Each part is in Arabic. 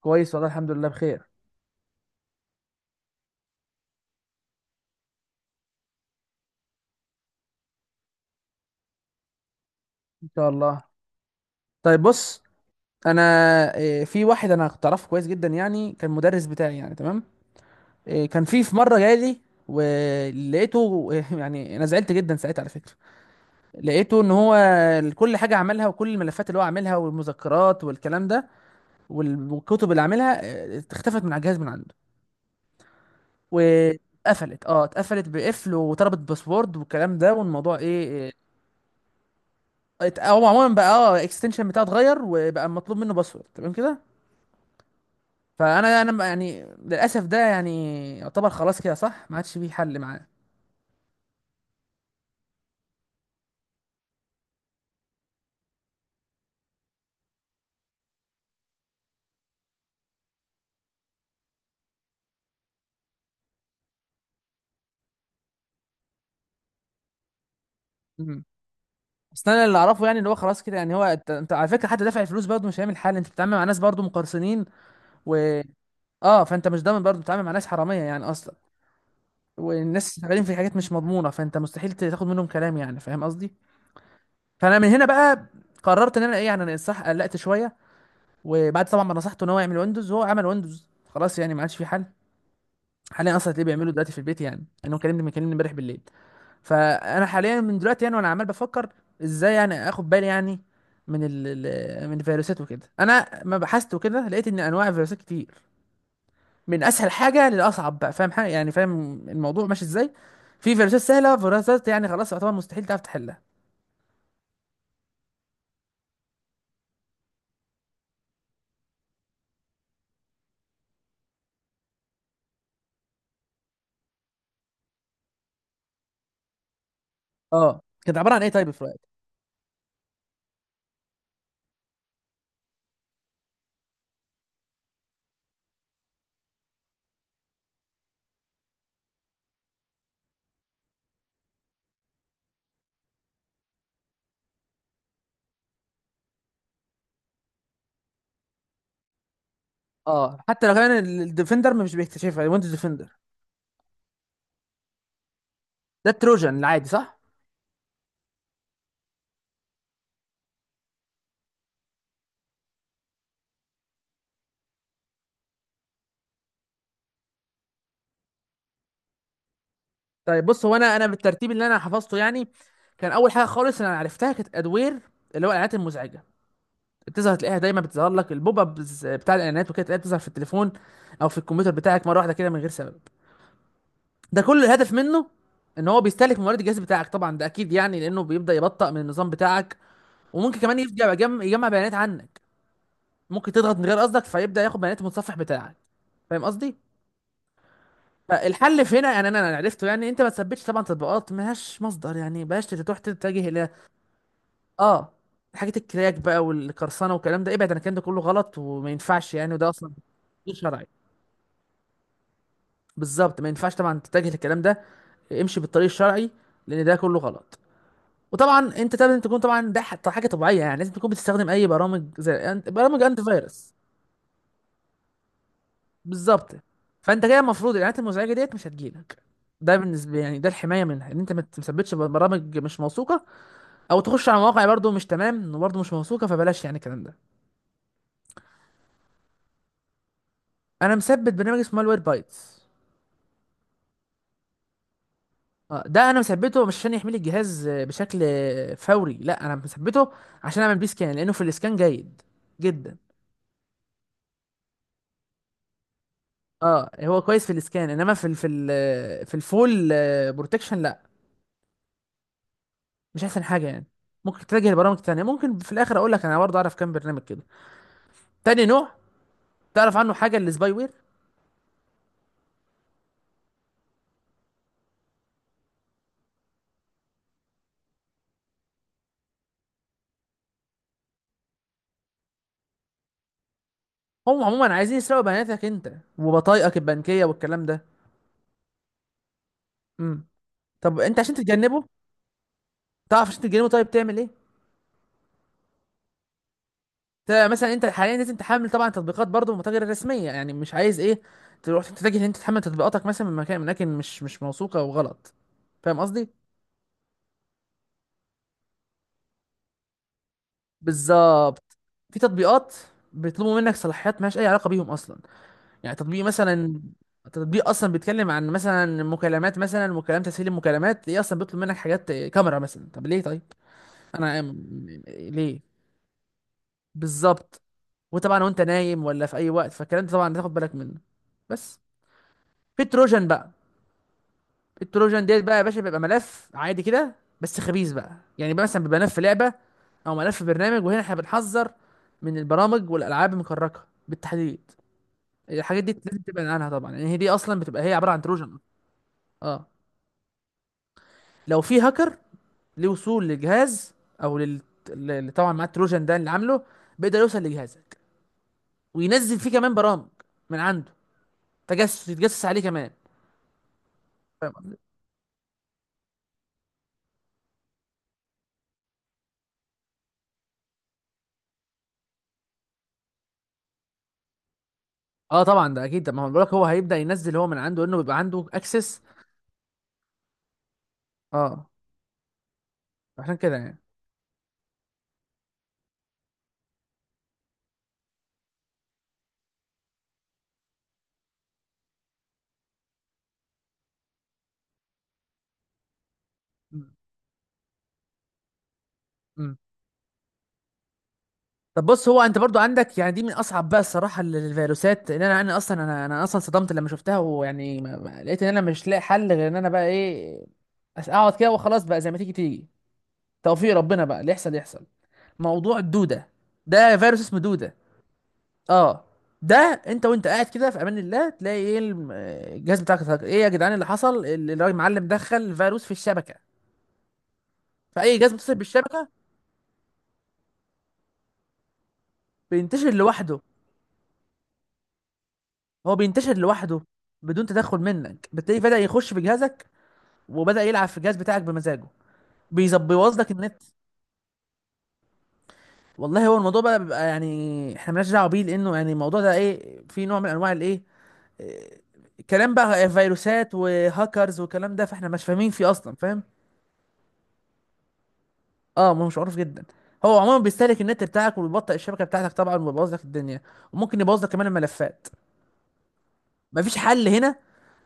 كويس والله الحمد لله بخير. ان شاء الله. طيب بص. انا في واحد انا كنت اعرفه كويس جدا، يعني كان مدرس بتاعي، يعني تمام. كان في مره جاي لي، ولقيته يعني انا زعلت جدا ساعتها على فكره. لقيته ان هو كل حاجه عملها، وكل الملفات اللي هو عاملها والمذكرات والكلام ده، والكتب اللي عاملها، اختفت من على الجهاز من عنده. واتقفلت، اتقفلت بقفل وطلبت باسورد والكلام ده، والموضوع ايه هو عموما بقى، الاكستنشن بتاعه اتغير وبقى مطلوب منه باسورد، تمام كده. فانا يعني للاسف ده يعني يعتبر خلاص كده، صح، ما عادش فيه حل معاه. مهم. بس انا اللي اعرفه يعني اللي هو خلاص كده، يعني هو انت على فكره، حتى دافع الفلوس برضه مش هيعمل حل، انت بتتعامل مع ناس برضه مقرصنين. و اه فانت مش ضامن برضه، بتتعامل مع ناس حراميه يعني اصلا. والناس شغالين في حاجات مش مضمونه، فانت مستحيل تاخد منهم كلام، يعني فاهم قصدي. فانا من هنا بقى قررت ان انا ايه، يعني انا صح قلقت شويه. وبعد طبعا ما نصحته ان هو يعمل ويندوز، هو عمل ويندوز خلاص، يعني ما عادش في حل. حاليا اصلا هتلاقيه بيعمله دلوقتي في البيت، يعني انه كلمني امبارح بالليل. فانا حاليا من دلوقتي يعني وانا عمال بفكر ازاي، يعني اخد بالي يعني من من الفيروسات وكده. انا ما بحثت وكده لقيت ان انواع الفيروسات كتير، من اسهل حاجه للاصعب بقى. فاهم حاجه، يعني فاهم الموضوع ماشي ازاي. في فيروسات سهله، فيروسات يعني خلاص يعتبر مستحيل تعرف تحلها. اه كانت عباره عن ايه طيب الفروقات؟ اه حتى لو كان الديفندر مش بيكتشفها، ويندوز ديفندر. ده التروجان العادي، صح؟ طيب بص هو انا بالترتيب اللي انا حفظته يعني، كان اول حاجه خالص انا عرفتها كانت ادوير، اللي هو الاعلانات المزعجه. بتظهر تلاقيها دايما، بتظهر لك البوب ابز بتاع الاعلانات وكده، تلاقيها بتظهر في التليفون او في الكمبيوتر بتاعك مره واحده كده من غير سبب. ده كل الهدف منه، ان هو بيستهلك موارد الجهاز بتاعك، طبعا ده اكيد، يعني لانه بيبدا يبطئ من النظام بتاعك. وممكن كمان يرجع يجمع بيانات عنك، ممكن تضغط من غير قصدك فيبدا ياخد بيانات المتصفح بتاعك، فاهم قصدي. فالحل في هنا يعني انا عرفته، يعني انت ما تثبتش طبعا تطبيقات ملهاش مصدر، يعني بلاش تروح تتجه. اه حاجة الكراك بقى والقرصنة والكلام ده، ابعد عن الكلام ده، كله غلط وما ينفعش يعني، وده اصلا غير شرعي. بالظبط، ما ينفعش طبعا تتجه للكلام ده، امشي بالطريق الشرعي، لان ده كله غلط. وطبعا انت لازم تكون طبعا ده حاجه طبيعيه، يعني لازم تكون بتستخدم اي برامج زي برامج انتي فيروس. بالظبط، فانت كده المفروض الاعلانات المزعجه ديت مش هتجيلك. ده بالنسبه يعني ده الحمايه منها، ان انت ما تثبتش برامج مش موثوقه، او تخش على مواقع برضو مش تمام وبرضو مش موثوقه، فبلاش يعني الكلام ده. انا مثبت برنامج اسمه مالوير بايتس. اه ده انا مثبته مش عشان يحمل الجهاز بشكل فوري، لا انا مثبته عشان اعمل بيه سكان، لانه في الاسكان جيد جدا. اه هو كويس في الاسكان، انما في ال في ال آه، في الفول بروتكشن لا، مش احسن حاجه يعني. ممكن تتجه لبرامج تانية، ممكن في الاخر اقول لك انا برضه اعرف كام برنامج كده. تاني نوع تعرف عنه حاجه، السباي وير. هم عموما عايزين يسرقوا بياناتك انت وبطايقك البنكيه والكلام ده. امم طب انت عشان تتجنبه، تعرف عشان تتجنبه طيب تعمل ايه؟ مثلا انت حاليا لازم تحمل طبعا تطبيقات برضه متاجر رسميه، يعني مش عايز ايه تروح تتجه ان انت تحمل تطبيقاتك مثلا من مكان، من اماكن مش مش موثوقه وغلط، فاهم قصدي. بالظبط، في تطبيقات بيطلبوا منك صلاحيات مالهاش اي علاقه بيهم اصلا. يعني تطبيق مثلا، تطبيق اصلا بيتكلم عن مثلا مكالمات، مثلا مكالمة تسهيل المكالمات، ايه اصلا بيطلب منك حاجات كاميرا مثلا، طب ليه؟ طيب انا ليه؟ بالظبط، وطبعا وانت نايم ولا في اي وقت، فالكلام ده طبعا تاخد بالك منه. بس في تروجان بقى. التروجان ديت بقى يا باشا، بيبقى ملف عادي كده بس خبيث بقى، يعني بقى مثلا بيبقى ملف لعبه او ملف برنامج. وهنا احنا بنحذر من البرامج والالعاب المكركه بالتحديد، الحاجات دي لازم تبعد عنها طبعا، لان يعني هي دي اصلا بتبقى هي عباره عن تروجان أصلاً. اه لو في هاكر ليه وصول للجهاز او لل، اللي طبعا مع التروجان ده اللي عامله، بيقدر يوصل لجهازك وينزل فيه كمان برامج من عنده تجسس، يتجسس عليه كمان، فاهم قصدي؟ اه طبعا ده اكيد، ده ما هو بقولك هو هيبدا ينزل هو من عنده، انه بيبقى عنده اكسس. اه عشان كده يعني. مم. مم. طب بص هو انت برضو عندك يعني دي من اصعب بقى الصراحه الفيروسات، لان انا اصلا صدمت لما شفتها، ويعني لقيت ان انا مش لاقي حل غير ان انا بقى ايه، اقعد كده وخلاص بقى، زي ما تيجي تيجي توفيق ربنا بقى اللي يحصل يحصل. موضوع الدوده، ده فيروس اسمه دوده. اه ده انت وانت قاعد كده في امان الله، تلاقي ايه الجهاز بتاعك ايه يا جدعان اللي حصل، الراجل معلم دخل فيروس في الشبكه. فاي جهاز متصل بالشبكه، بينتشر لوحده. هو بينتشر لوحده بدون تدخل منك، بالتالي بدأ يخش في جهازك وبدأ يلعب في الجهاز بتاعك بمزاجه، بيظبط بيبوظ لك النت. والله هو الموضوع بقى بيبقى يعني احنا مالناش دعوه بيه، لانه يعني الموضوع ده ايه، في نوع من انواع الايه، إيه، كلام بقى فيروسات وهاكرز والكلام ده، فاحنا مش فاهمين فيه اصلا فاهم. اه ما هو مش معروف جدا. هو عموما بيستهلك النت بتاعك وبيبطئ الشبكه بتاعتك طبعا، وبيبوظ لك الدنيا، وممكن يبوظ لك كمان الملفات. مفيش حل هنا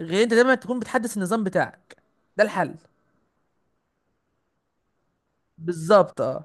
غير انت دايما تكون بتحدث النظام بتاعك، ده الحل. بالظبط اه،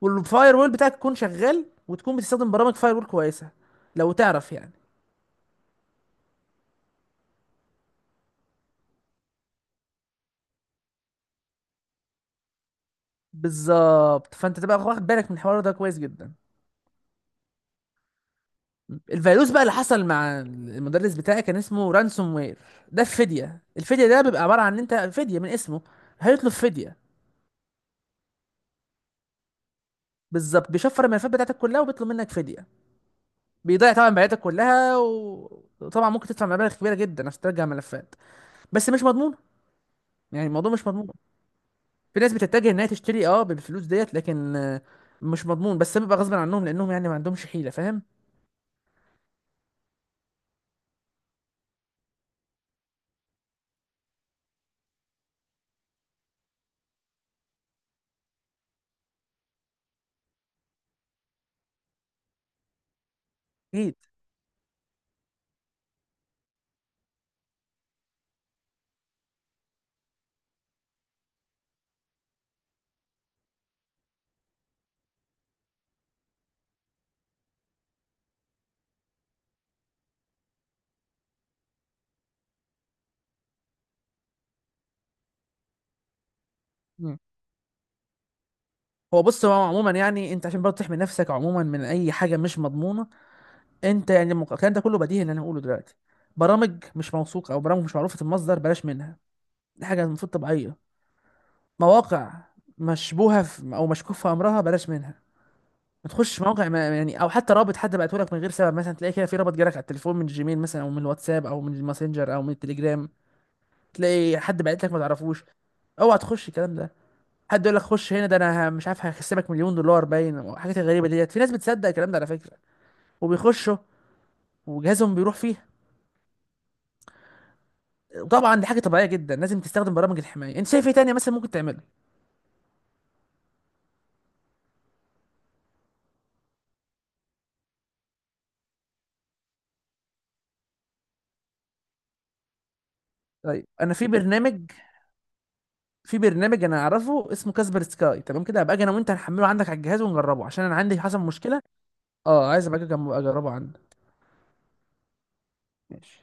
والفاير وول بتاعك يكون شغال، وتكون بتستخدم برامج فاير وول كويسه لو تعرف يعني. بالظبط، فانت تبقى واخد بالك من الحوار ده كويس جدا. الفيروس بقى اللي حصل مع المدرس بتاعي كان اسمه رانسوم وير. ده الفديه، الفديه ده بيبقى عباره عن ان انت فديه من اسمه. هيطلب فديه. بالظبط، بيشفر الملفات بتاعتك كلها وبيطلب منك فديه. بيضيع طبعا بياناتك كلها، وطبعا ممكن تدفع مبالغ كبيره جدا عشان ترجع ملفات، بس مش مضمون. يعني الموضوع مش مضمون. في ناس بتتجه انها تشتري اه بالفلوس ديت، لكن مش مضمون، بس بيبقى غصب عنهم، لانهم يعني ما عندهمش حيله، فاهم. اكيد. مم. هو بص هو عموما يعني انت عشان برضه تحمي نفسك عموما من اي حاجه مش مضمونه، انت يعني الكلام ده كله بديهي ان انا هقوله دلوقتي، برامج مش موثوقه او برامج مش معروفه المصدر، بلاش منها. دي حاجه المفروض طبيعيه. مواقع مشبوهه في او مشكوك في امرها، بلاش منها. ما تخش مواقع ما يعني، او حتى رابط حد بعته لك من غير سبب، مثلا تلاقي كده في رابط جالك على التليفون من الجيميل مثلا او من الواتساب او من الماسنجر او من التليجرام، تلاقي حد بعت لك ما تعرفوش، اوعى تخش الكلام ده. حد يقول لك خش هنا ده انا مش عارف هكسبك مليون دولار باين وحاجات غريبه ديت، في ناس بتصدق الكلام ده على فكره، وبيخشوا وجهازهم بيروح فيه. وطبعا دي حاجه طبيعيه جدا، لازم تستخدم برامج الحمايه. انت شايف ايه تاني مثلا ممكن تعمله؟ طيب انا في برنامج انا اعرفه اسمه كاسبر سكاي، تمام كده. هبقى اجي انا وانت هنحمله عندك على الجهاز ونجربه، عشان انا عندي حصل مشكله. اه عايز ابقى اجي اجربه عندك. ماشي.